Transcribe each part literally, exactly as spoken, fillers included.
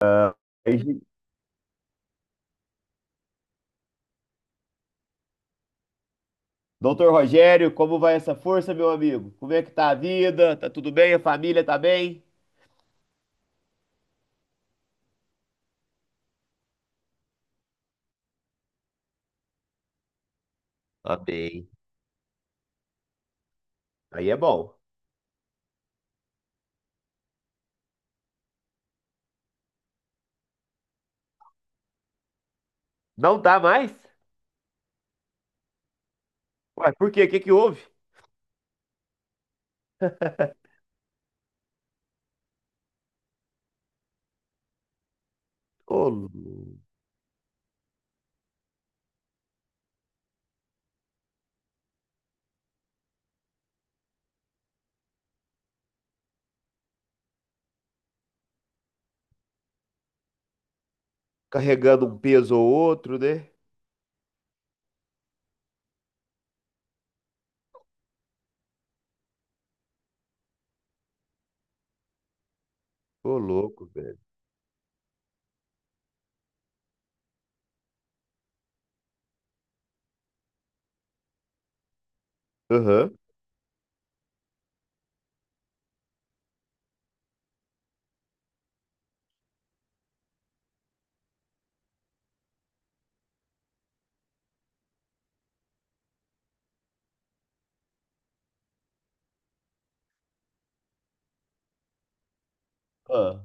Ah, aí, Doutor Rogério, como vai essa força, meu amigo? Como é que tá a vida? Tá tudo bem? A família tá bem? Tá bem. Aí é bom. Não tá mais? Ué, por quê? O que que houve? Ô, lou- carregando um peso ou outro, né? Ô, louco, velho. Aham. Ah,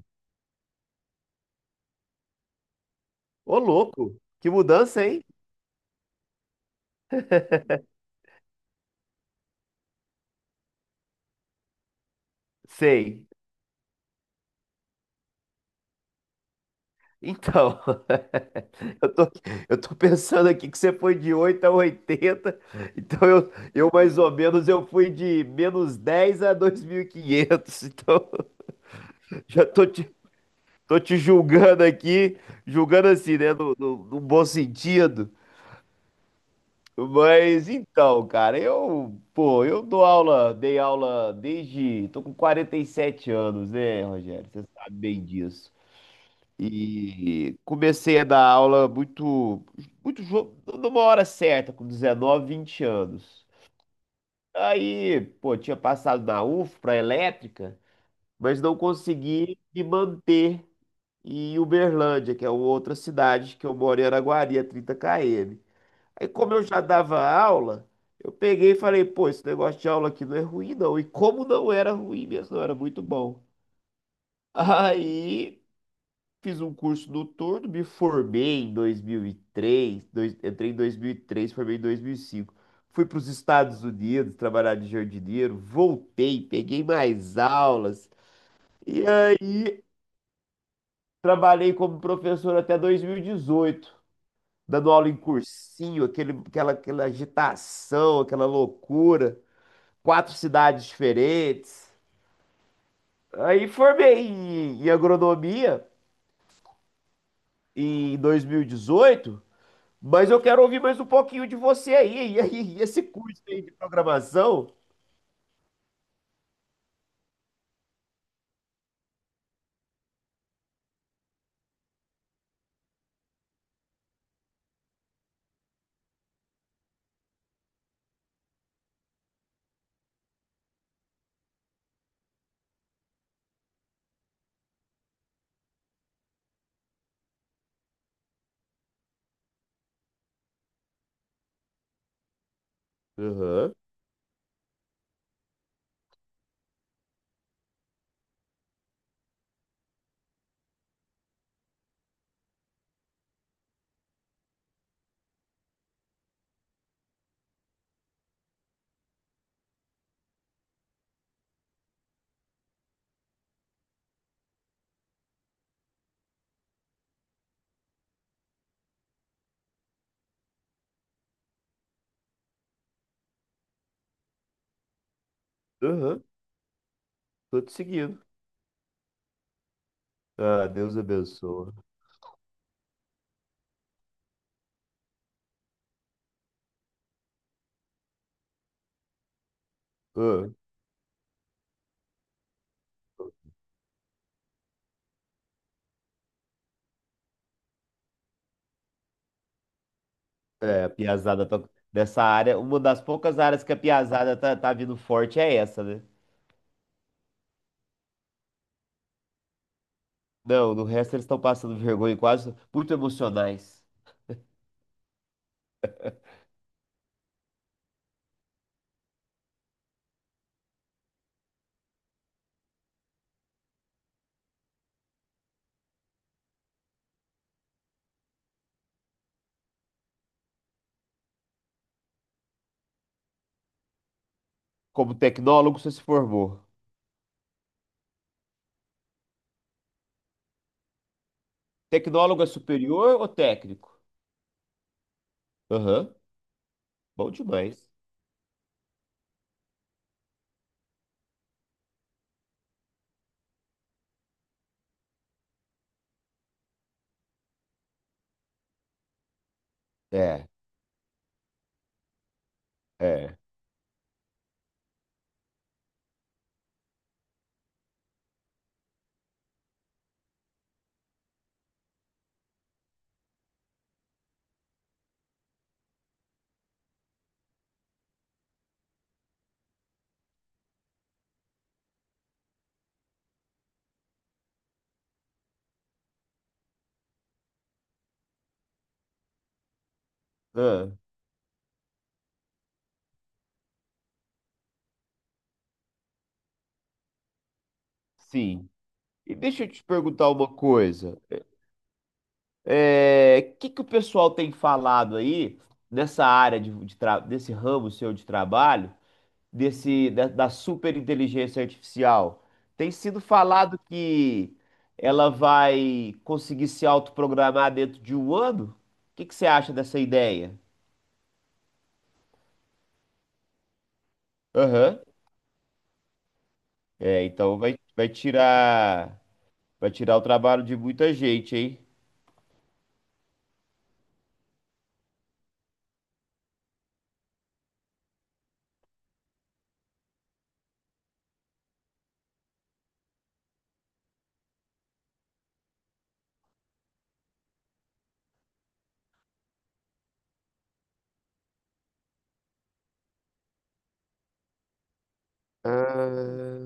ô, louco. Que mudança, hein? Sei. Então, eu tô, eu tô pensando aqui que você foi de oito a oitenta. Então eu, eu mais ou menos eu fui de menos dez a dois mil e quinhentos. Então já tô te, tô te julgando aqui, julgando assim, né, no, no, no bom sentido, mas então, cara, eu, pô, eu dou aula, dei aula desde, tô com quarenta e sete anos, né, Rogério, você sabe bem disso. E comecei a dar aula muito, muito jo- numa hora certa, com dezenove vinte anos. Aí, pô, tinha passado na U F para elétrica, mas não consegui me manter em Uberlândia, que é uma outra cidade que eu moro em Araguari, a trinta quilômetros. Aí, como eu já dava aula, eu peguei e falei, pô, esse negócio de aula aqui não é ruim, não. E como não era ruim mesmo, não era muito bom. Aí fiz um curso do Tordo, me formei em dois mil e três, dois, entrei em dois mil e três, formei em dois mil e cinco. Fui para os Estados Unidos trabalhar de jardineiro, voltei, peguei mais aulas e aí trabalhei como professor até dois mil e dezoito, dando aula em cursinho, aquele, aquela, aquela agitação, aquela loucura, quatro cidades diferentes. Aí formei em, em agronomia em dois mil e dezoito. Mas eu quero ouvir mais um pouquinho de você aí, e aí, e esse curso aí de programação? Aham, aham, tô te seguindo. Ah, Deus abençoa. Ah, é, a piazada tá, dessa área, uma das poucas áreas que a piazada tá, tá vindo forte é essa, né? Não, no resto eles estão passando vergonha e quase muito emocionais. Como tecnólogo você se formou. Tecnólogo é superior ou técnico? Aham, bom demais. É, é. Ah, sim. E deixa eu te perguntar uma coisa. O que que o pessoal tem falado aí nessa área de, de tra- desse ramo seu de trabalho, desse da, da superinteligência artificial? Tem sido falado que ela vai conseguir se autoprogramar dentro de um ano? O que que você acha dessa ideia? Aham. É, então vai, vai tirar vai tirar o trabalho de muita gente, hein? Ah,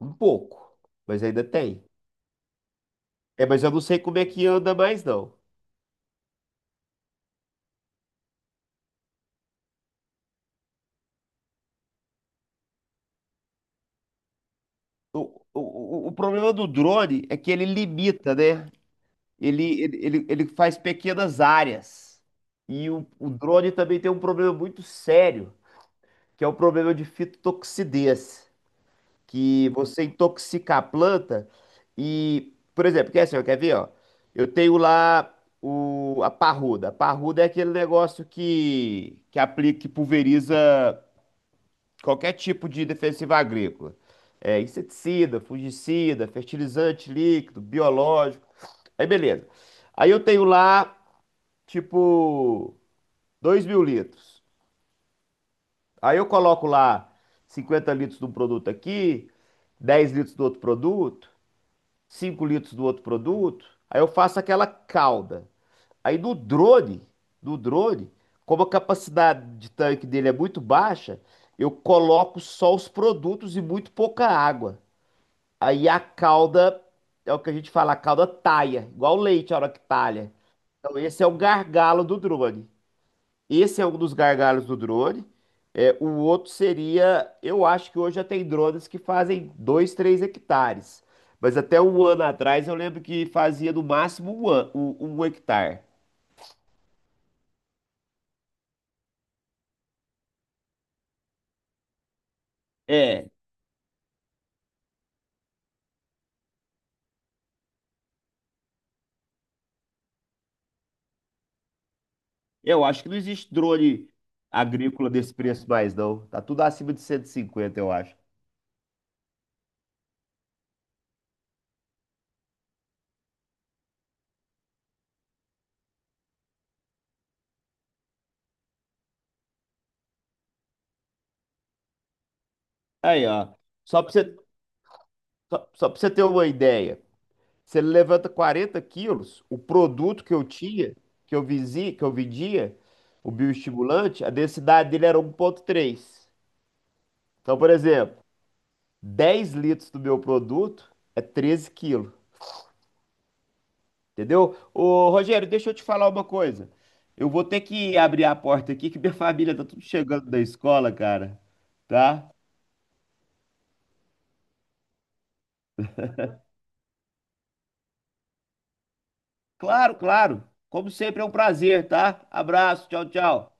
um pouco, mas ainda tem. É, mas eu não sei como é que anda mais não. O, o, o problema do drone é que ele limita, né? Ele, ele, ele, ele faz pequenas áreas. E o, o drone também tem um problema muito sério, que é o problema de fitotoxidez, que você intoxica a planta e, por exemplo, quer, assim, ó, quer ver, ó? Eu tenho lá o, a parruda. A parruda é aquele negócio que, que aplica, que pulveriza qualquer tipo de defensiva agrícola. É, inseticida, fungicida, fertilizante líquido, biológico. Aí beleza. Aí eu tenho lá, tipo, dois mil litros. Aí eu coloco lá cinquenta litros de um produto aqui, dez litros do outro produto, cinco litros do outro produto. Aí eu faço aquela calda. Aí no drone, no drone, como a capacidade de tanque dele é muito baixa, eu coloco só os produtos e muito pouca água. Aí a calda, é o que a gente fala, a calda talha, igual leite a hora que talha. Então esse é o gargalo do drone. Esse é um dos gargalos do drone. É, o outro seria, eu acho que hoje já tem drones que fazem dois três hectares. Mas até um ano atrás eu lembro que fazia no máximo um, an- um, um hectare. É, eu acho que não existe drone agrícola desse preço mais não. Tá tudo acima de cento e cinquenta eu acho. Aí, ó, só pra você, só, só pra você ter uma ideia. Se ele levanta quarenta quilos, o produto que eu tinha, que eu visi, que eu vendia, o bioestimulante, a densidade dele era um ponto três. Então, por exemplo, dez litros do meu produto é treze quilos. Entendeu? Ô, Rogério, deixa eu te falar uma coisa. Eu vou ter que abrir a porta aqui, que minha família tá tudo chegando da escola, cara. Tá? Claro, claro. Como sempre, é um prazer, tá? Abraço, tchau, tchau.